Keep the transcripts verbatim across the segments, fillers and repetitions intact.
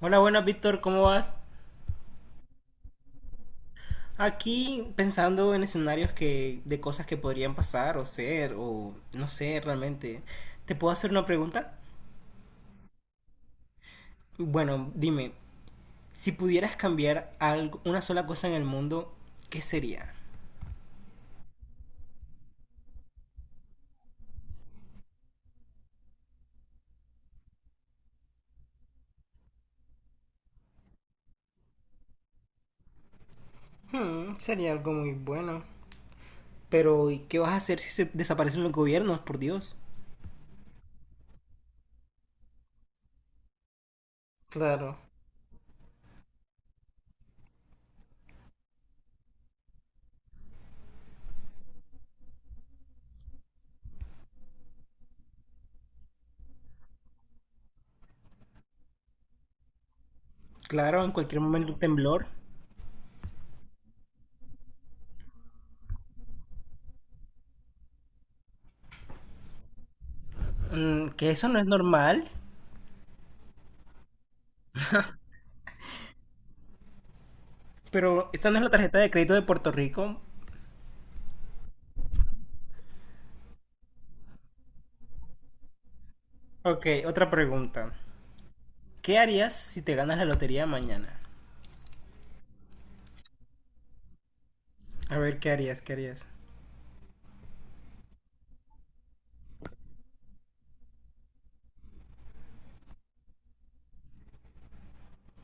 Hola, buenas, Víctor, ¿cómo vas? Aquí pensando en escenarios que de cosas que podrían pasar o ser o no sé realmente. ¿Te puedo hacer una pregunta? Bueno, dime, si pudieras cambiar algo, una sola cosa en el mundo, ¿qué sería? Hmm, sería algo muy bueno. Pero ¿y qué vas a hacer si se desaparecen los gobiernos, por Dios? Claro. Claro, en cualquier momento un temblor. Mm, que eso no es normal. Pero esta no es la tarjeta de crédito de Puerto Rico. Ok, otra pregunta. ¿Qué harías si te ganas la lotería mañana? A ver, ¿qué harías? ¿Qué harías?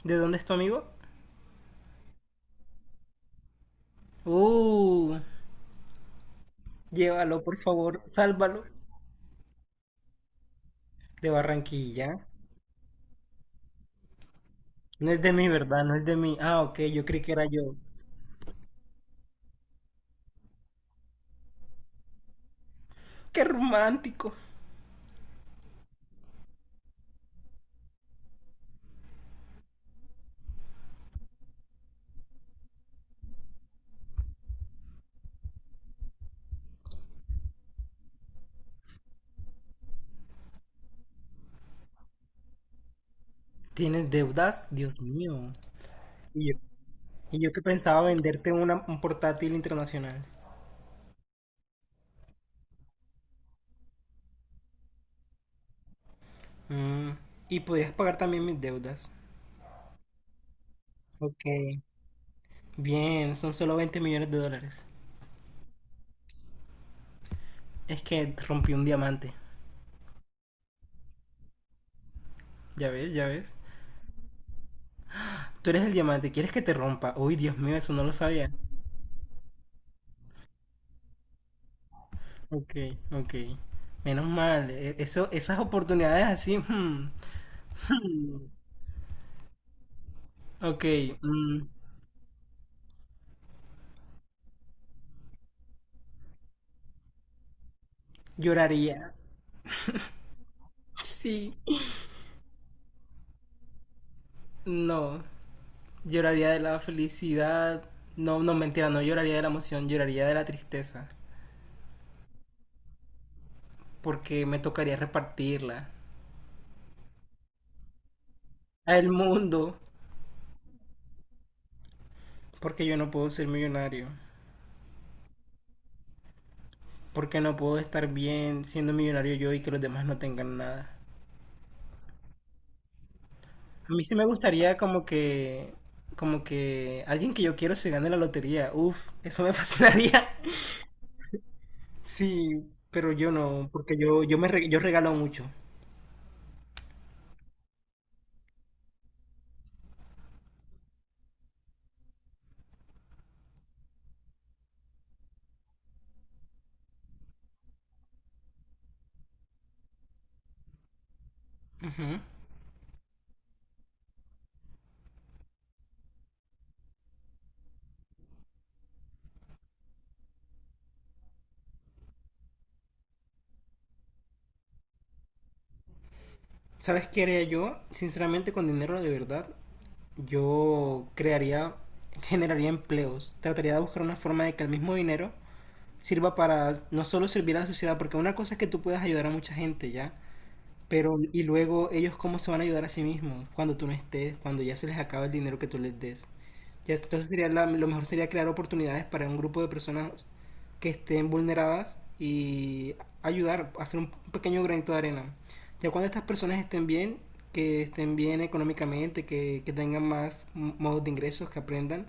¿De dónde es tu amigo? Uh, llévalo, por favor, sálvalo. De Barranquilla. No es de mí, ¿verdad? No es de mí. Ah, ok, yo creí que era yo. ¡Qué romántico! ¿Tienes deudas? Dios mío. Y yo, y yo que pensaba venderte una- un portátil internacional. Mm, y podías pagar también mis deudas. Ok. Bien, son solo veinte millones de dólares. Es que rompí un diamante. Ya ves, ya ves. Tú eres el diamante, ¿quieres que te rompa? Uy, Dios mío, eso no lo sabía. Ok, ok. Menos mal, e- eso, esas oportunidades así. Hmm. Hmm. Ok, mm, lloraría. Sí. No, lloraría de la felicidad. No, no, mentira, no lloraría de la emoción, lloraría de la tristeza. Porque me tocaría repartirla al mundo. Porque yo no puedo ser millonario. Porque no puedo estar bien siendo millonario yo y que los demás no tengan nada. A mí sí me gustaría como que, como que alguien que yo quiero se gane la lotería. Uf, eso me fascinaría. Sí, pero yo no, porque yo, yo me, re- yo regalo mucho. Ujú. ¿Sabes qué haría yo? Sinceramente, con dinero de verdad, yo crearía, generaría empleos. Trataría de buscar una forma de que el mismo dinero sirva para no solo servir a la sociedad, porque una cosa es que tú puedas ayudar a mucha gente, ¿ya? Pero, y luego, ¿ellos cómo se van a ayudar a sí mismos cuando tú no estés, cuando ya se les acaba el dinero que tú les des? Ya, entonces sería la- lo mejor sería crear oportunidades para un grupo de personas que estén vulneradas y ayudar, hacer un pequeño granito de arena. Ya cuando estas personas estén bien, que estén bien económicamente, que, que tengan más m- modos de ingresos, que aprendan,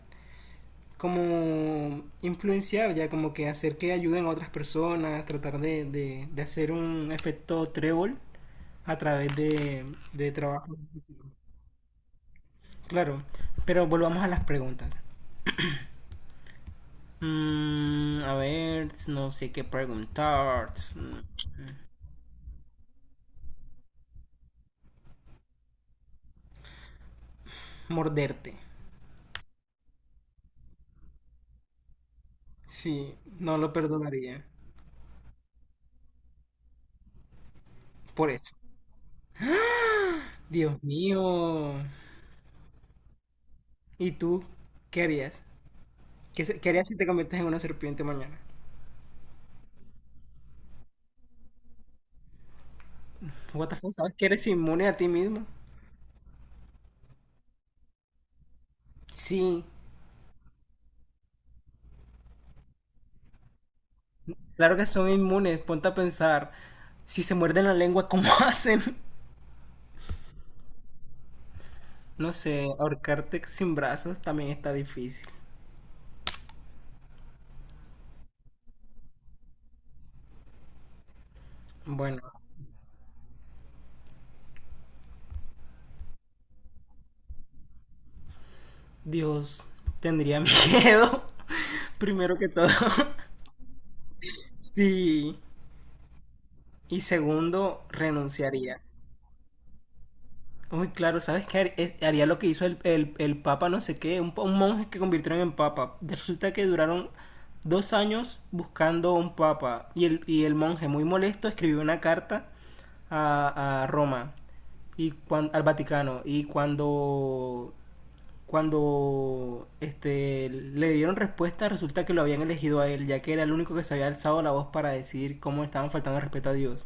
como influenciar, ya como que hacer que ayuden a otras personas, tratar de, de, de hacer un efecto trébol a través de, de trabajo. Claro, pero volvamos a las preguntas. Mm, a ver, no sé qué preguntar. Mm, morderte. Sí, no lo perdonaría. Por eso. Dios mío. ¿Y tú qué harías? ¿Qué, se- ¿qué harías si te conviertes en una serpiente mañana? What the fuck, ¿sabes que eres inmune a ti mismo? Sí, claro que son inmunes, ponte a pensar, si se muerden la lengua, ¿cómo hacen? No sé, ahorcarte sin brazos también está difícil. Bueno, Dios, tendría miedo, primero que todo. Sí, y segundo, renunciaría. Muy claro, ¿sabes qué? Har- Es- Haría lo que hizo el, el- el papa, no sé qué, un, pa- un monje que convirtieron en papa. De- Resulta que duraron dos años buscando un papa y el, y el monje, muy molesto, escribió una carta a, a Roma y cuan- al Vaticano y cuando cuando este le dieron respuesta, resulta que lo habían elegido a él ya que era el único que se había alzado la voz para decir cómo estaban faltando el respeto a Dios,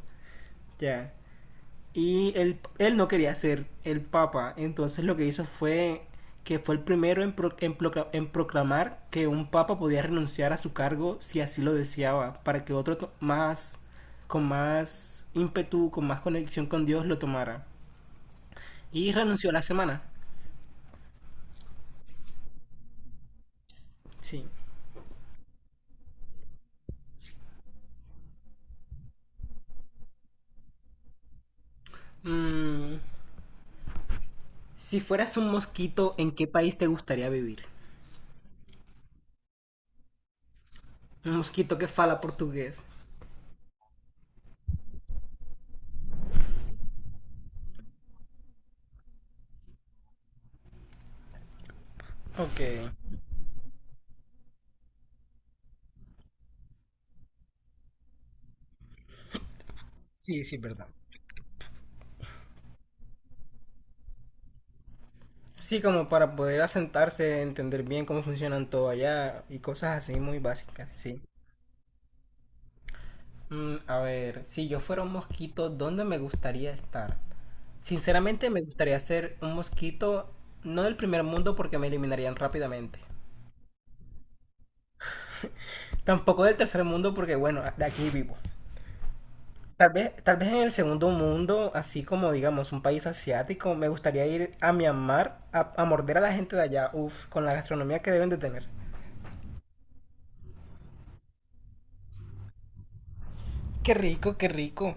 ya, y él, él no quería ser el papa, entonces lo que hizo fue que fue el primero en, pro- en procla- en proclamar que un papa podía renunciar a su cargo si así lo deseaba, para que otro to- más, con más ímpetu, con más conexión con Dios lo tomara. Y renunció a la semana. Sí. Mm, si fueras un mosquito, ¿en qué país te gustaría vivir? Un mosquito que fala portugués. Ok. Sí, sí, verdad. Sí, como para poder asentarse, entender bien cómo funcionan todo allá y cosas así muy básicas, sí. Mm, a ver, si yo fuera un mosquito, ¿dónde me gustaría estar? Sinceramente me gustaría ser un mosquito, no del primer mundo porque me eliminarían rápidamente. Tampoco del tercer mundo porque, bueno, de aquí vivo. Tal vez, tal vez en el segundo mundo, así como digamos un país asiático, me gustaría ir a Myanmar a, a morder a la gente de allá, uff, con la gastronomía que deben de tener. Qué rico, qué rico.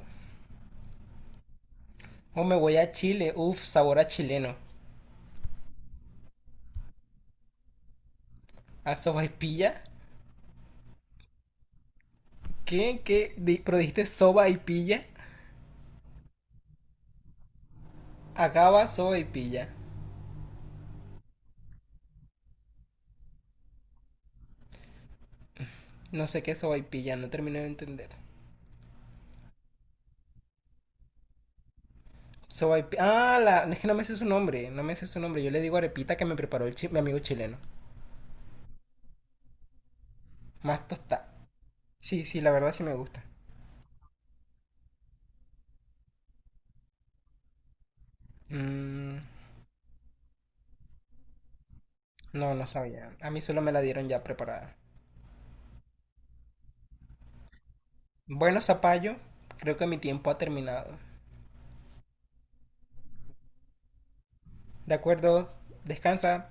O me voy a Chile, uff, sabor a chileno. A soba y pilla. ¿Qué? ¿Qué? Di- ¿Pero dijiste soba y pilla? Acaba soba y pilla. No sé qué es soba y pilla, no terminé de entender. Soba y pi- Ah, la... es que no me sé su nombre, no me sé su nombre. Yo le digo arepita que me preparó el chi- mi amigo chileno. Más tostada. Sí, sí, la verdad sí me gusta. Mm, no, no sabía. A mí solo me la dieron ya preparada. Bueno, Zapallo, creo que mi tiempo ha terminado. De acuerdo, descansa.